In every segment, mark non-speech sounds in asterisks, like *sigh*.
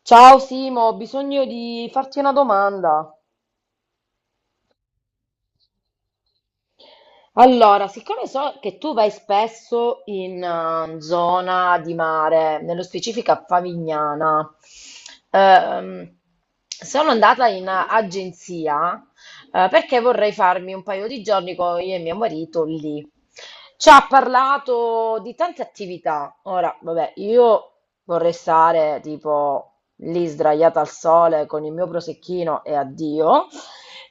Ciao Simo, ho bisogno di farti una domanda. Allora, siccome so che tu vai spesso in zona di mare, nello specifico a Favignana, ehm, sono andata in agenzia perché vorrei farmi un paio di giorni con io e mio marito lì. Ci ha parlato di tante attività. Ora, vabbè, io vorrei stare tipo lì sdraiata al sole con il mio prosecchino e addio.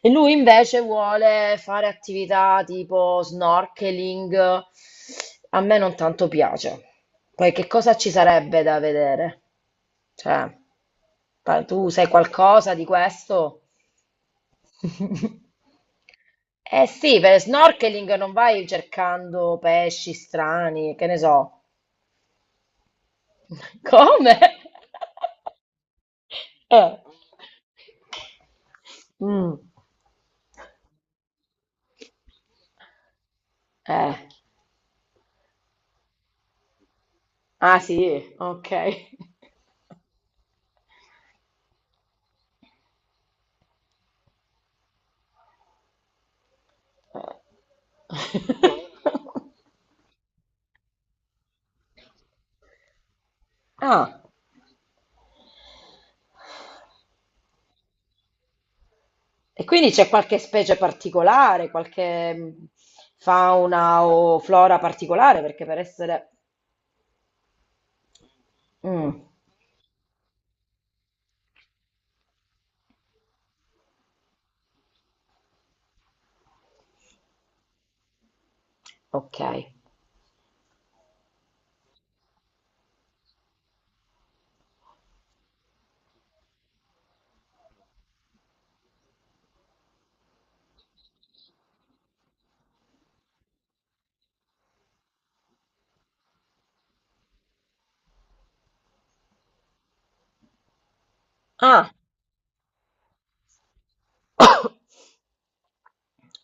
E lui invece vuole fare attività tipo snorkeling. A me non tanto piace. Poi che cosa ci sarebbe da vedere? Cioè, tu sai qualcosa di questo? *laughs* Eh sì, per snorkeling non vai cercando pesci strani, che ne so. *laughs* Come? Eh. Mm. Eh. Ah sì, ok. *laughs* Eh. Ah. E quindi c'è qualche specie particolare, qualche fauna o flora particolare, perché per essere... Mm, ok. Ah, *coughs*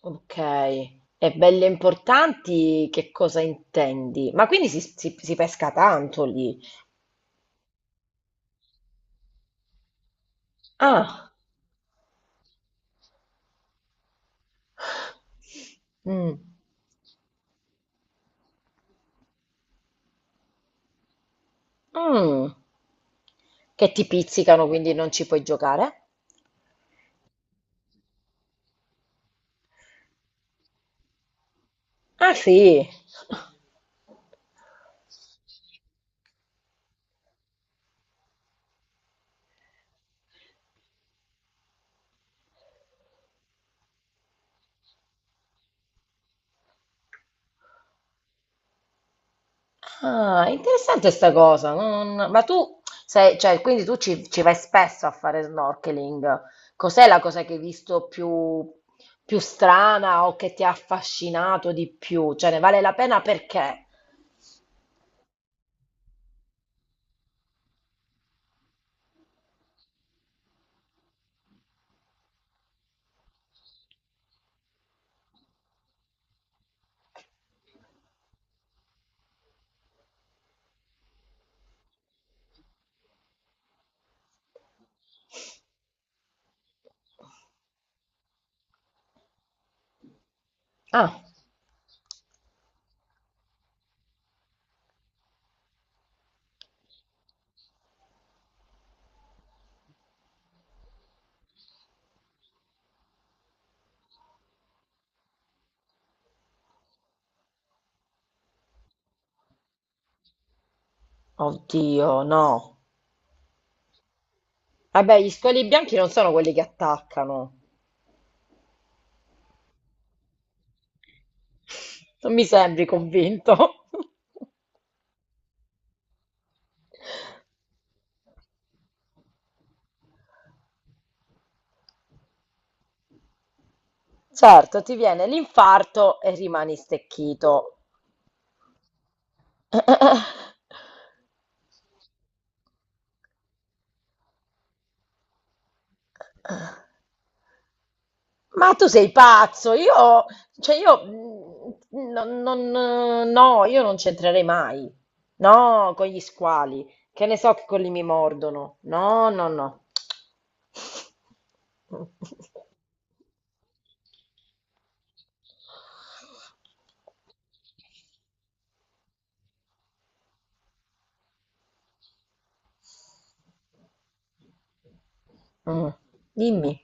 ok. E belle importanti, che cosa intendi? Ma quindi si pesca tanto lì? Ah, mm. Mm. Che ti pizzicano, quindi non ci puoi giocare? Ah sì. *laughs* Ah, interessante sta cosa. Ma tu sei, cioè, quindi tu ci vai spesso a fare snorkeling. Cos'è la cosa che hai visto più, più strana o che ti ha affascinato di più? Cioè, ne vale la pena perché? Ah, oddio, no. Vabbè, gli squali bianchi non sono quelli che attaccano. Non mi sembri convinto. *laughs* Certo, ti viene l'infarto e rimani stecchito. *laughs* Ma tu sei pazzo, io, no, io non c'entrerei mai, no, con gli squali, che ne so che quelli mi mordono, no, no, no. *laughs* Mm. Dimmi.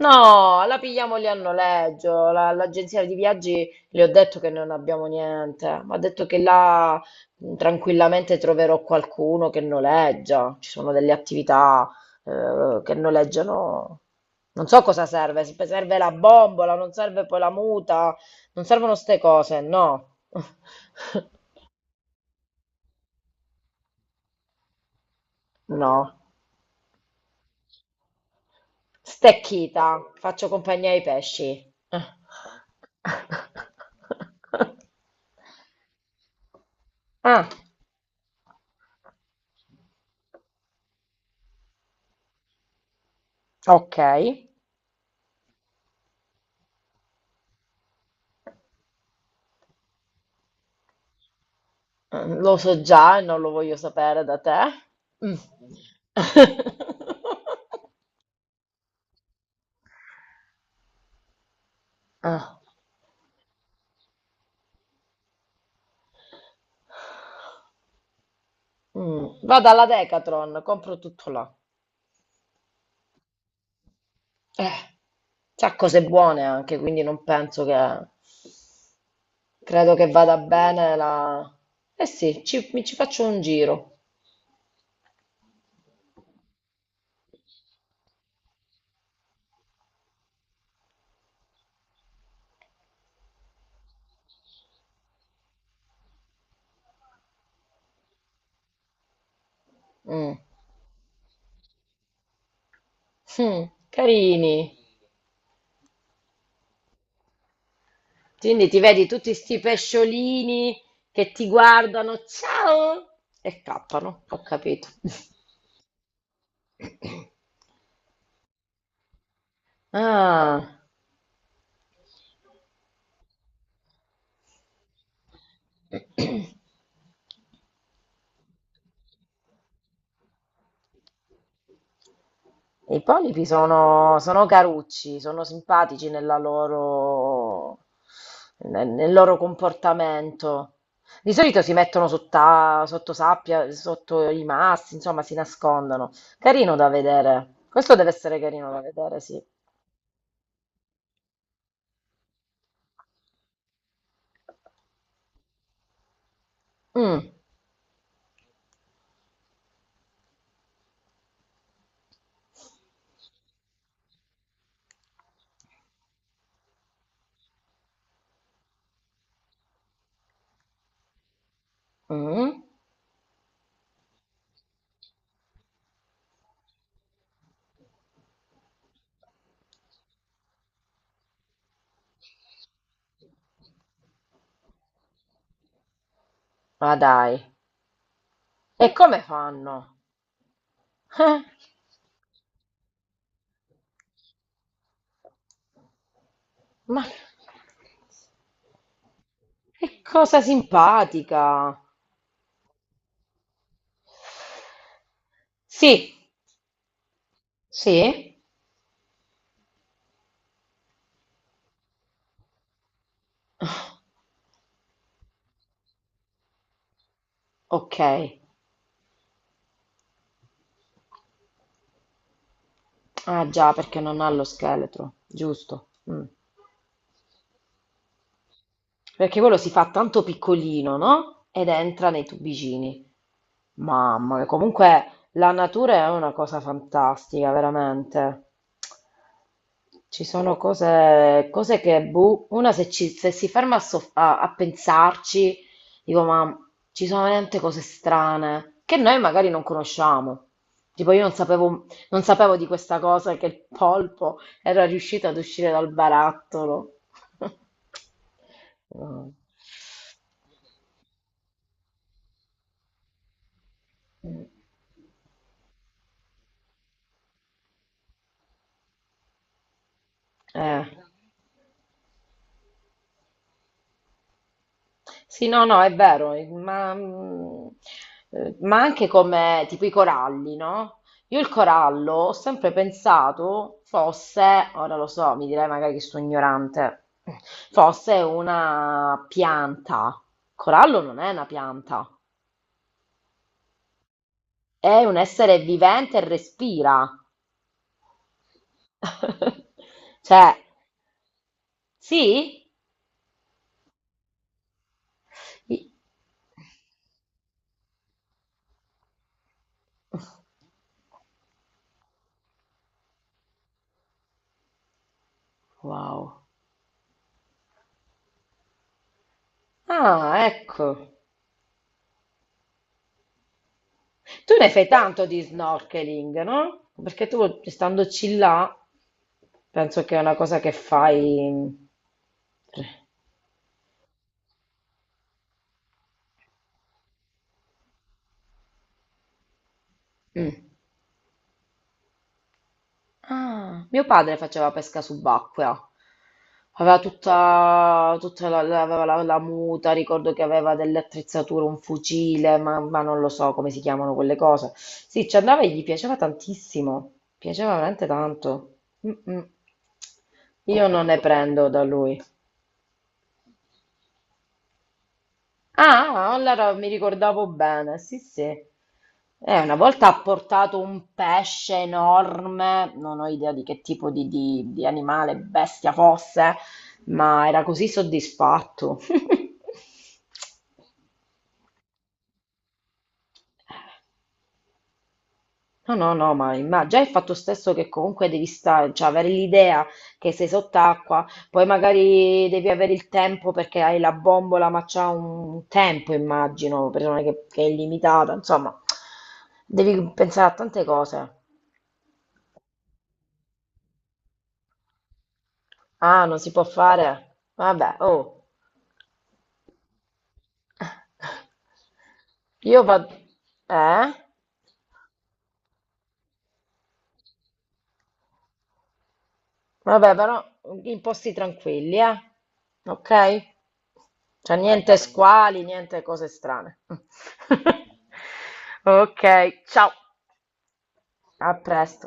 No, la pigliamo lì a noleggio. L'agenzia di viaggi le ho detto che non abbiamo niente, ma ha detto che là tranquillamente troverò qualcuno che noleggia. Ci sono delle attività che noleggiano. Non so cosa serve, se serve la bombola, non serve poi la muta, non servono ste cose, no. *laughs* No. Stecchita, faccio compagnia ai pesci. *laughs* Ah. Ok, eh, lo so già e non lo voglio sapere da te. Mm. *laughs* Ah, mm. Vado alla Decathlon, compro tutto là. Eh, c'ha cose buone anche, quindi non penso che... Credo che vada bene la... Eh sì, mi ci faccio un giro. Mm. Mm, carini. Quindi ti vedi tutti sti pesciolini che ti guardano, ciao, e cappano, ho capito. Ah, *clears throat* i polipi sono, sono carucci, sono simpatici nella nel loro comportamento. Di solito si mettono sotto sabbia, sotto i massi, insomma, si nascondono. Carino da vedere. Questo deve essere carino da vedere, sì. Mm, mm. Ma dai. E come fanno? Eh, ma che cosa simpatica! Sì, sì? Okay. Ah già, perché non ha lo scheletro, giusto. Mh. Perché quello si fa tanto piccolino, no, ed entra nei tubicini. Mamma mia, comunque la natura è una cosa fantastica, veramente. Ci sono cose, cose che, boh, una se si ferma a, a pensarci, dico, ma ci sono veramente cose strane che noi magari non conosciamo. Tipo, io non sapevo, non sapevo di questa cosa che il polpo era riuscito ad uscire dal barattolo. *laughs* No. Eh. Sì, no, no, è vero, ma anche come tipo i coralli, no? Io il corallo ho sempre pensato fosse, ora lo so, mi direi magari che sono ignorante, fosse una pianta. Il corallo non è una pianta, è un essere vivente e respira. *laughs* Cioè, sì? I- Wow. Ah, ecco. Tu ne fai tanto di snorkeling, no? Perché tu, standoci là, penso che è una cosa che fai... Mm. Ah, mio padre faceva pesca subacquea. Aveva tutta, la muta, ricordo che aveva delle attrezzature, un fucile, ma non lo so come si chiamano quelle cose. Sì, ci andava e gli piaceva tantissimo, piaceva veramente tanto. Mm, mm. Io non ne prendo da lui. Ah, allora mi ricordavo bene, sì, sì. Una volta ha portato un pesce enorme, non ho idea di che tipo di animale, bestia fosse, ma era così soddisfatto. *laughs* No, no, no, ma già il fatto stesso che comunque devi stare, cioè avere l'idea che sei sott'acqua, poi magari devi avere il tempo perché hai la bombola, ma c'ha un tempo, immagino, che è illimitata, insomma, devi pensare a tante cose. Ah, non si può fare? Vabbè, oh. *laughs* Io vado... Eh? Vabbè, però in posti tranquilli, eh? Ok? Cioè, niente d'accordo, squali, niente cose strane. *laughs* Ok, ciao, a presto.